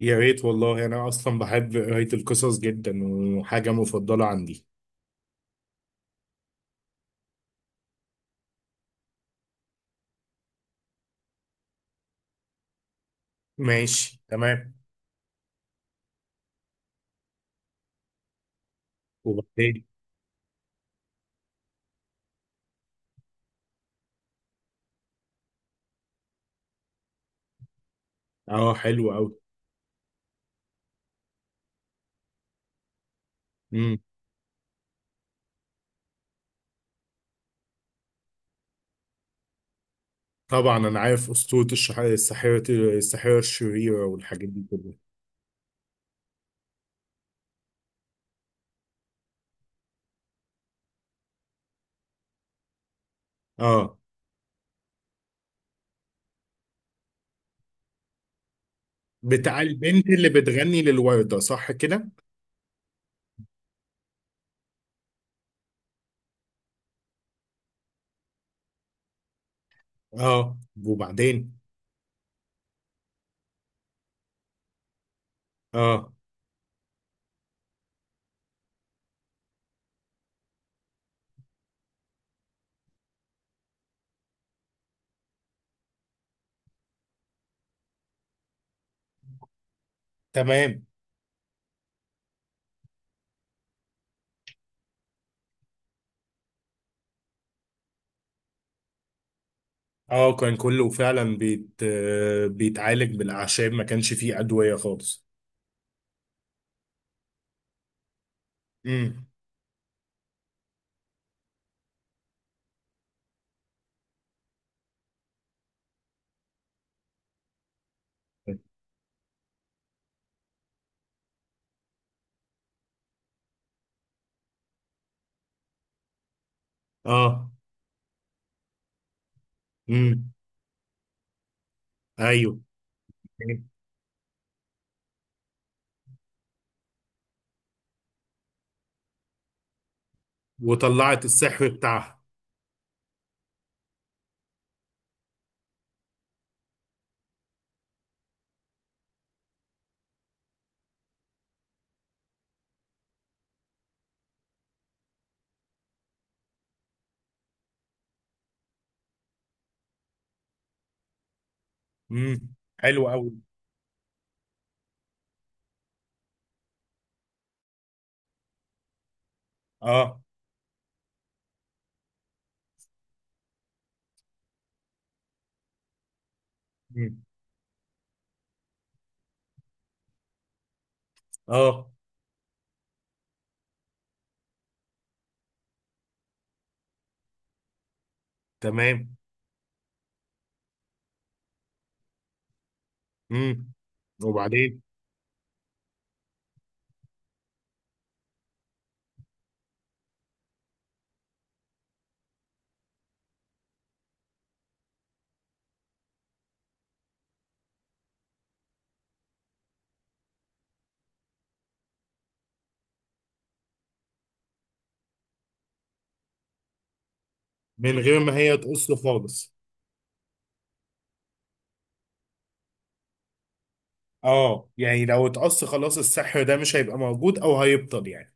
يا ريت والله. انا اصلا بحب قرايه القصص جدا وحاجه مفضله عندي. ماشي تمام. وبعدين؟ اه، حلو قوي. امم. طبعا انا عارف اسطوره الشح... الساحره الساحره الشريره والحاجات دي كلها. اه، بتاع البنت اللي بتغني للورده، صح كده؟ اه، وبعدين؟ اه، تمام. اه، كان كله فعلا بيتعالج بالاعشاب، ما كانش فيه ادويه خالص. امم. اه. امم. ايوه. وطلعت السحر بتاعها. امم، حلو قوي. اه. مم. اه، تمام. امم. وبعدين؟ من غير ما هي تقص خالص؟ اه، يعني لو اتقص خلاص السحر ده مش هيبقى موجود او هيبطل يعني.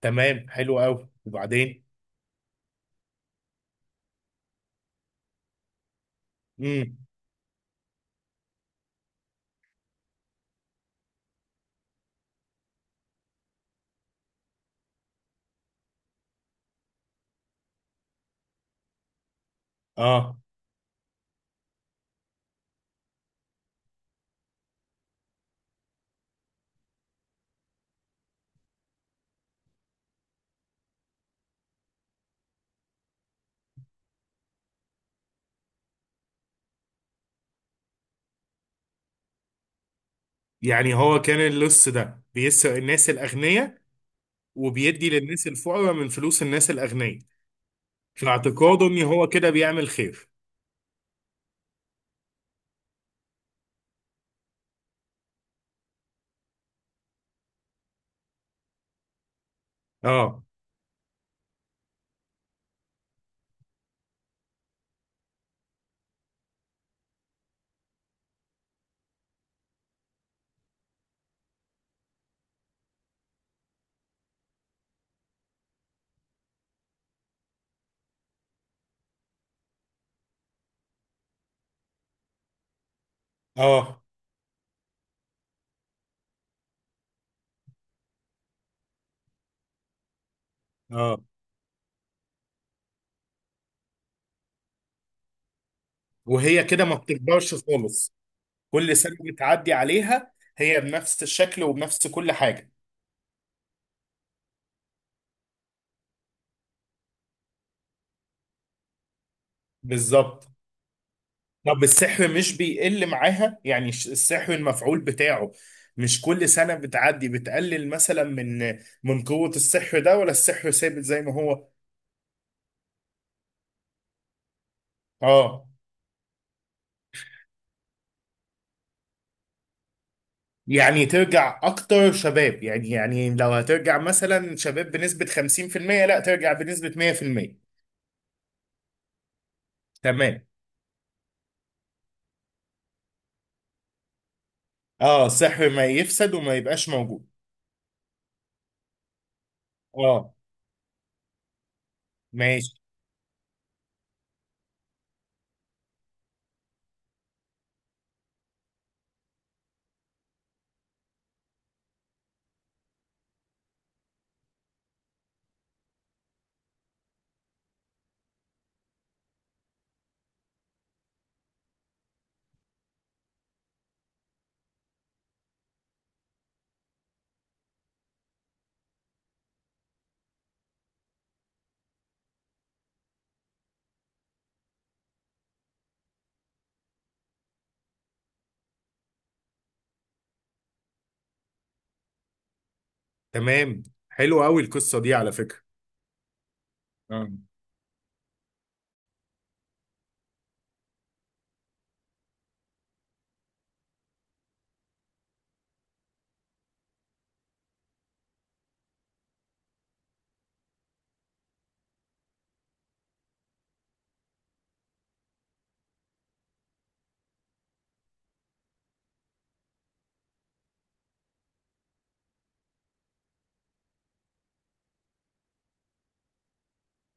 تمام، حلو قوي. وبعدين؟ امم. اه، يعني هو كان اللص ده بيسرق الناس الاغنياء وبيدي للناس الفقراء من فلوس الناس الاغنياء. في اعتقاده ان هو كده بيعمل خير. اه. اه. اه. وهي كده ما بتكبرش خالص؟ كل سنة بتعدي عليها هي بنفس الشكل وبنفس كل حاجة. بالظبط. طب السحر مش بيقل معاها، يعني السحر المفعول بتاعه مش كل سنة بتعدي بتقلل مثلا من قوة السحر ده، ولا السحر ثابت زي ما هو؟ اه، يعني ترجع اكتر شباب، يعني لو هترجع مثلا شباب بنسبة 50%، لا ترجع بنسبة 100%. تمام. اه، السحر ما يفسد وما يبقاش موجود. اه، ماشي تمام. حلو قوي القصه دي على فكره. اه.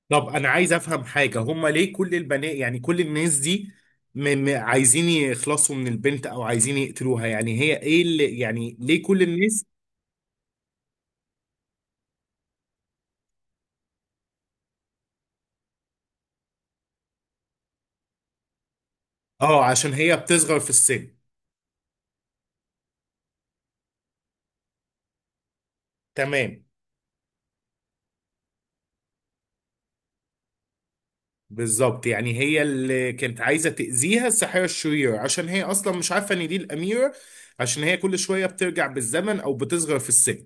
طب انا عايز افهم حاجه، هما ليه كل البنات، يعني كل الناس دي، عايزين يخلصوا من البنت او عايزين يقتلوها؟ يعني هي ايه اللي، يعني ليه كل الناس؟ اه، عشان هي بتصغر في السن. تمام. بالظبط، يعني هي اللي كانت عايزه تاذيها الساحره الشريره، عشان هي اصلا مش عارفه ان دي الاميره، عشان هي كل شويه بترجع بالزمن او بتصغر في السن.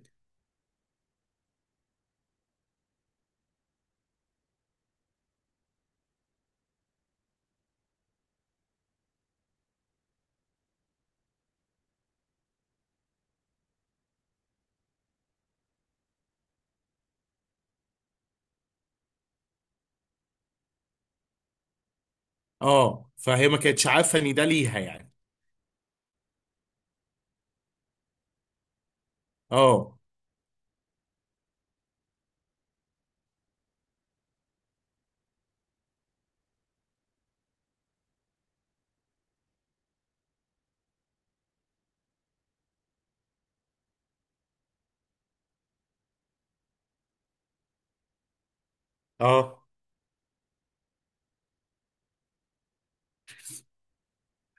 اه، فهي ما كانتش عارفه ان ده ليها يعني. اه. اه،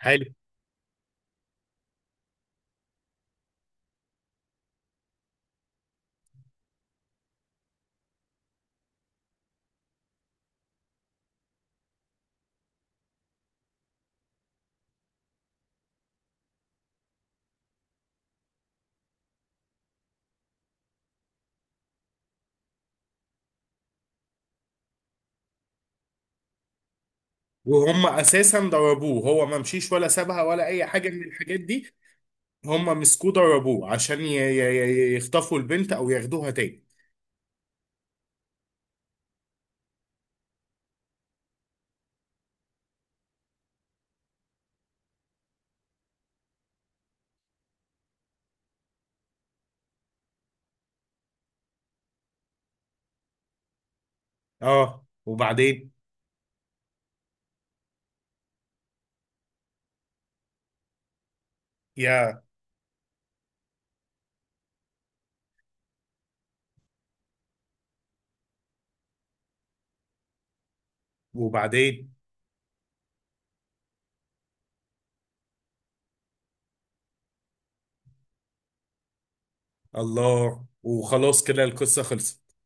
حلو. وهم اساسا ضربوه، هو ما مشيش ولا سابها ولا اي حاجه من الحاجات دي. هم مسكوه ضربوه عشان يخطفوا البنت او ياخدوها تاني. اه، وبعدين؟ يا، وبعدين؟ الله. وخلاص كده القصه خلصت.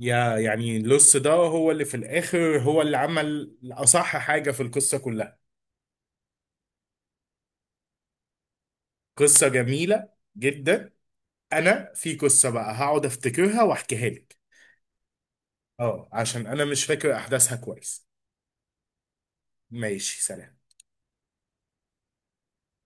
يا، يعني اللص ده هو اللي في الاخر هو اللي عمل اصح حاجه في القصه كلها. قصه جميله جدا. انا في قصه بقى هقعد افتكرها واحكيها لك. اه، عشان انا مش فاكر احداثها كويس. ماشي، سلام.